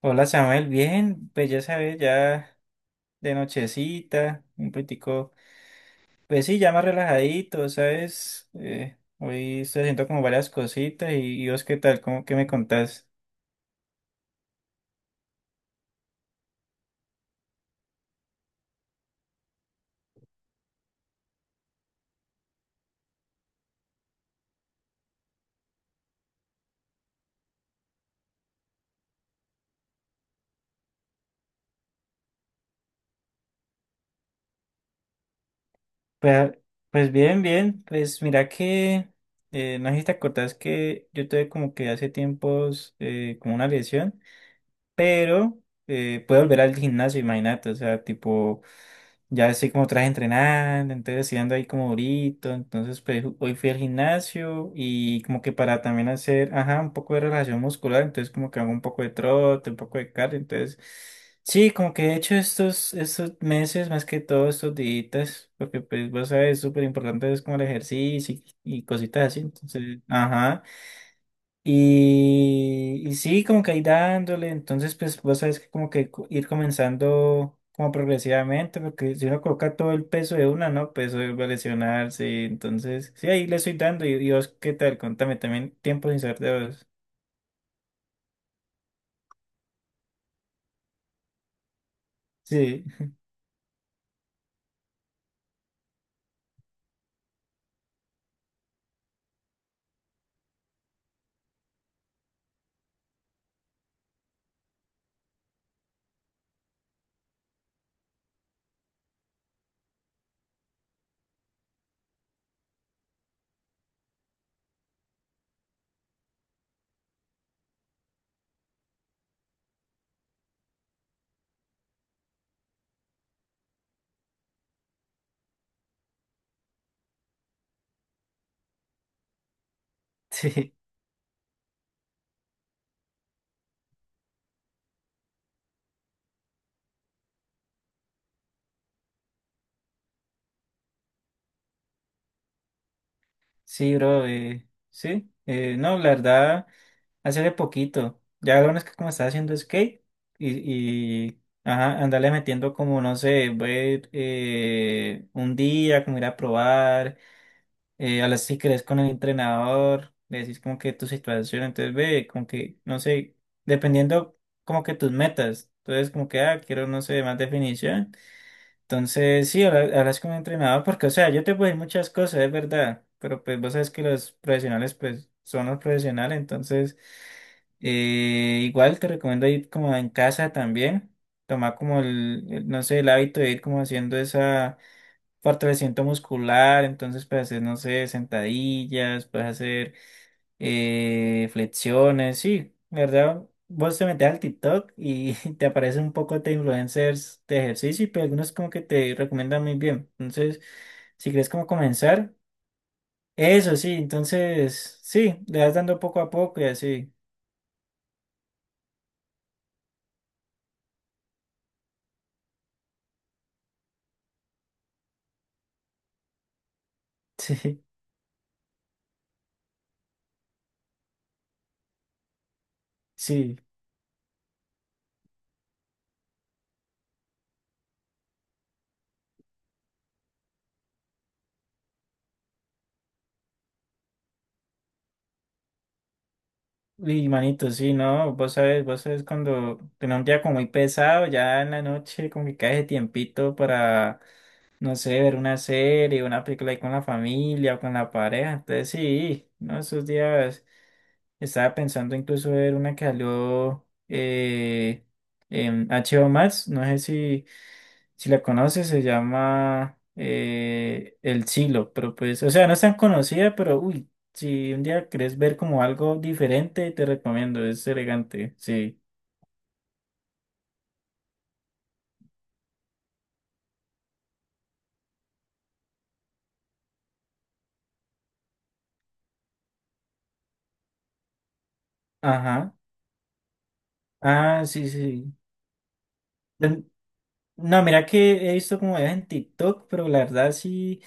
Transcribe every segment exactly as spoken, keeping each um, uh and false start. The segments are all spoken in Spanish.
Hola Samuel, bien, pues ya sabes, ya de nochecita, un poquitico, pues sí, ya más relajadito, ¿sabes? Eh, hoy estoy haciendo como varias cositas y, y vos qué tal, ¿cómo que me contás? Pues, pues bien, bien, pues mira que, eh, no sé si te acordás que yo tuve como que hace tiempos eh, como una lesión, pero eh, pude volver al gimnasio, imagínate, o sea, tipo... Ya estoy como tras entrenando, entonces sí ando ahí como durito. Entonces, pues ju- hoy fui al gimnasio y como que para también hacer, ajá, un poco de relajación muscular. Entonces, como que hago un poco de trote, un poco de cardio. Entonces, sí, como que he hecho estos, estos meses, más que todo estos días, porque pues vos sabes, es súper importante es como el ejercicio y, y cositas así. Entonces, ajá. Y, y sí, como que ahí dándole, entonces pues vos sabés que como que co- ir comenzando como progresivamente, porque si uno coloca todo el peso de una, ¿no? Pues eso va a lesionarse, entonces sí, ahí le estoy dando. Y, y vos, ¿qué tal? Contame también tiempo sin saber de vos. Sí, sí, sí, bro, eh, sí, eh, no, la verdad. Hace de poquito. Ya lo bueno es que como estaba haciendo skate y, y ajá, andarle metiendo como, no sé, voy, eh, un día, como ir a probar, eh, a las si crees con el entrenador, le decís como que tu situación, entonces ve, como que, no sé, dependiendo como que tus metas. Entonces como que, ah, quiero, no sé, más definición. Entonces, sí, habla- hablas con un entrenador porque, o sea, yo te puedo decir muchas cosas, es verdad, pero pues vos sabes que los profesionales, pues, son los profesionales, entonces, eh, igual te recomiendo ir como en casa también, tomar como el, el, no sé, el hábito de ir como haciendo esa fortalecimiento muscular, entonces puedes hacer, no sé, sentadillas, puedes hacer eh, flexiones, sí, la ¿verdad? Vos te metes al TikTok y te aparecen un poco de influencers de ejercicio, pero algunos como que te recomiendan muy bien. Entonces, si quieres como comenzar, eso sí, entonces, sí, le vas dando poco a poco y así. Sí, sí. Y manito, sí, no, vos sabes, vos sabes cuando tenés un día como muy pesado, ya en la noche como que cae ese tiempito para no sé, ver una serie, una película ahí con la familia o con la pareja. Entonces sí, no, esos días estaba pensando incluso ver una que salió eh, en H B O Max, no sé si, si la conoces, se llama eh, El Silo, pero pues, o sea, no es tan conocida, pero uy, si un día querés ver como algo diferente, te recomiendo, es elegante, sí. Ajá. Ah, sí, sí. No, mira que he visto como videos en TikTok, pero la verdad sí,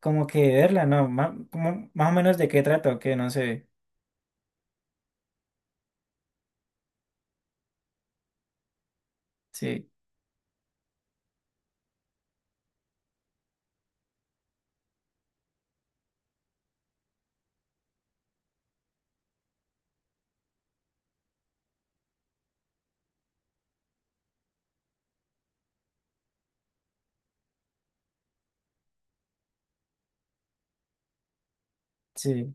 como que verla, no, más, como, más o menos de qué trata o qué, no sé. Sí, sí.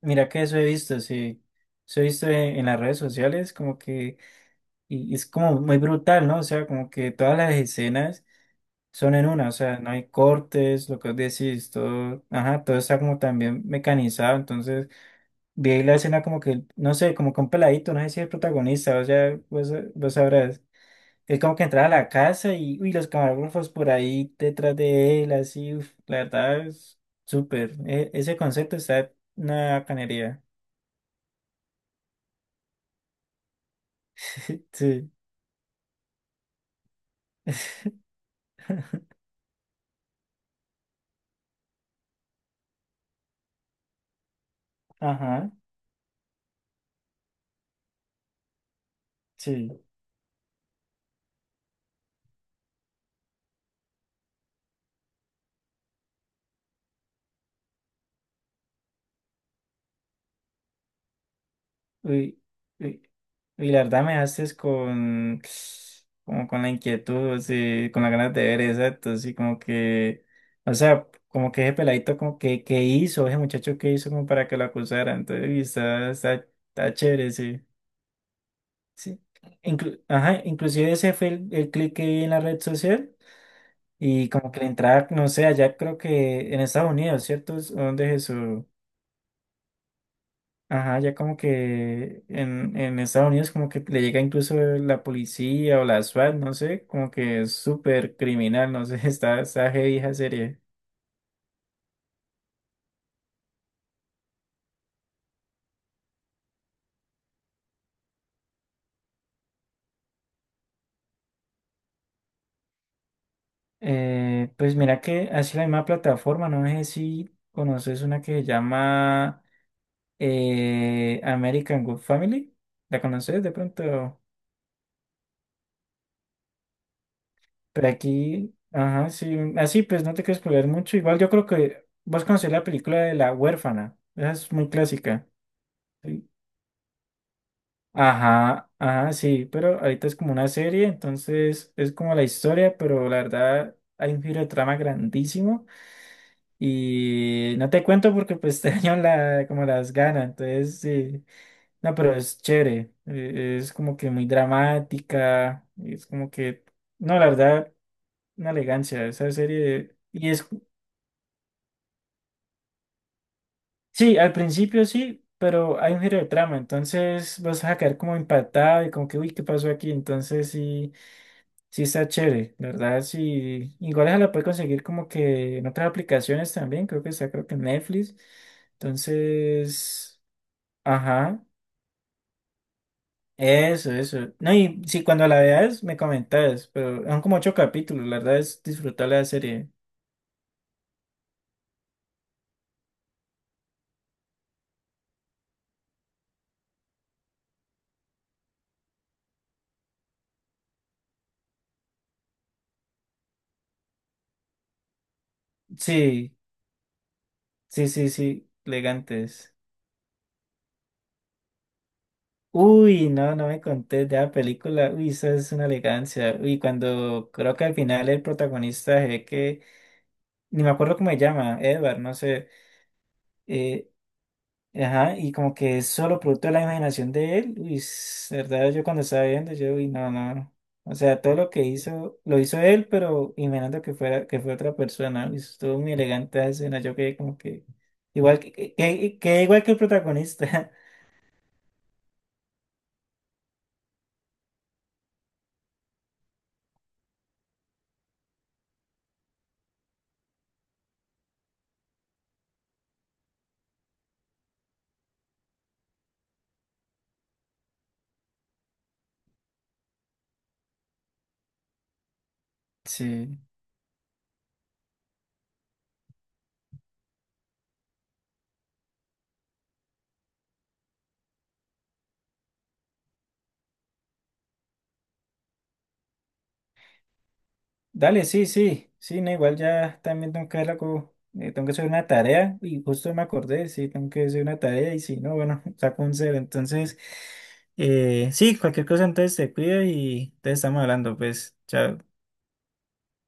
Mira que eso he visto, sí. Eso he visto en, en las redes sociales, como que, y, y es como muy brutal, ¿no? O sea, como que todas las escenas son en una, o sea, no hay cortes, lo que vos decís, todo, ajá, todo está como también mecanizado, entonces vi ahí la escena como que, no sé, como con peladito, no sé si es el protagonista, o sea, vos, vos sabrás. Es como que entraba a la casa y uy, los camarógrafos por ahí detrás de él, así, uf, la verdad es súper. E- ese concepto está en una bacanería. Sí. Ajá, sí. Uy, uy, uy, la verdad me haces con, como con la inquietud, sí, con las ganas de ver, exacto, sí, como que, o sea, como que ese peladito, como que, que hizo, ese muchacho que hizo como para que lo acusara, entonces, uy, está, está, está chévere, sí. Sí. Inclu- ajá, inclusive ese fue el, el clic que vi en la red social y como que la entrada, no sé, allá creo que en Estados Unidos, ¿cierto? ¿Es donde es eso? Ajá, ya como que en, en Estados Unidos como que le llega incluso la policía o la SWAT, no sé, como que es súper criminal, no sé, está, está heavy esa serie. Eh, pues mira que hace la misma plataforma, no sé si conoces una que se llama eh, American Good Family, ¿la conoces de pronto? Pero aquí, ajá, sí, así pues no te quieres spoilear mucho. Igual yo creo que vas a conocer la película de La Huérfana, esa es muy clásica. ¿Sí? Ajá, ajá, sí, pero ahorita es como una serie, entonces es como la historia, pero la verdad hay un giro de trama grandísimo y no te cuento porque pues te daño la, como las ganas, entonces sí, no, pero es chévere, eh, es como que muy dramática, es como que, no, la verdad, una elegancia esa serie y es Sí, al principio sí, pero hay un giro de trama, entonces vas a quedar como impactado y como que, uy, ¿qué pasó aquí? Entonces sí, sí está chévere, la ¿verdad? Sí, igual esa la puedes conseguir como que en otras aplicaciones también, creo que está, creo que en Netflix. Entonces, ajá, eso, eso. No, y si cuando la veas me comentas, pero son como ocho capítulos, la verdad es disfrutar la serie. Sí, sí, sí, sí, elegantes. Uy, no, no me conté de la película. Uy, esa es una elegancia. Uy, cuando creo que al final el protagonista se ve que, ni me acuerdo cómo se llama, Edward, no sé. eh, ajá, y como que es solo producto de la imaginación de él. Uy, es verdad, yo cuando estaba viendo, yo, uy, no, no. No. O sea, todo lo que hizo, lo hizo él, pero imaginando que fuera, que fue otra persona. Uy, estuvo muy elegante esa escena. Yo quedé como que, igual que, que, que- que igual que el protagonista. Sí. Dale, sí, sí, sí, no, igual ya también tengo que hacer como, eh, tengo que hacer una tarea y justo me acordé, sí, tengo que hacer una tarea y si no, bueno, saco un cero. Entonces, eh, sí, cualquier cosa entonces te cuido y te estamos hablando, pues, chao.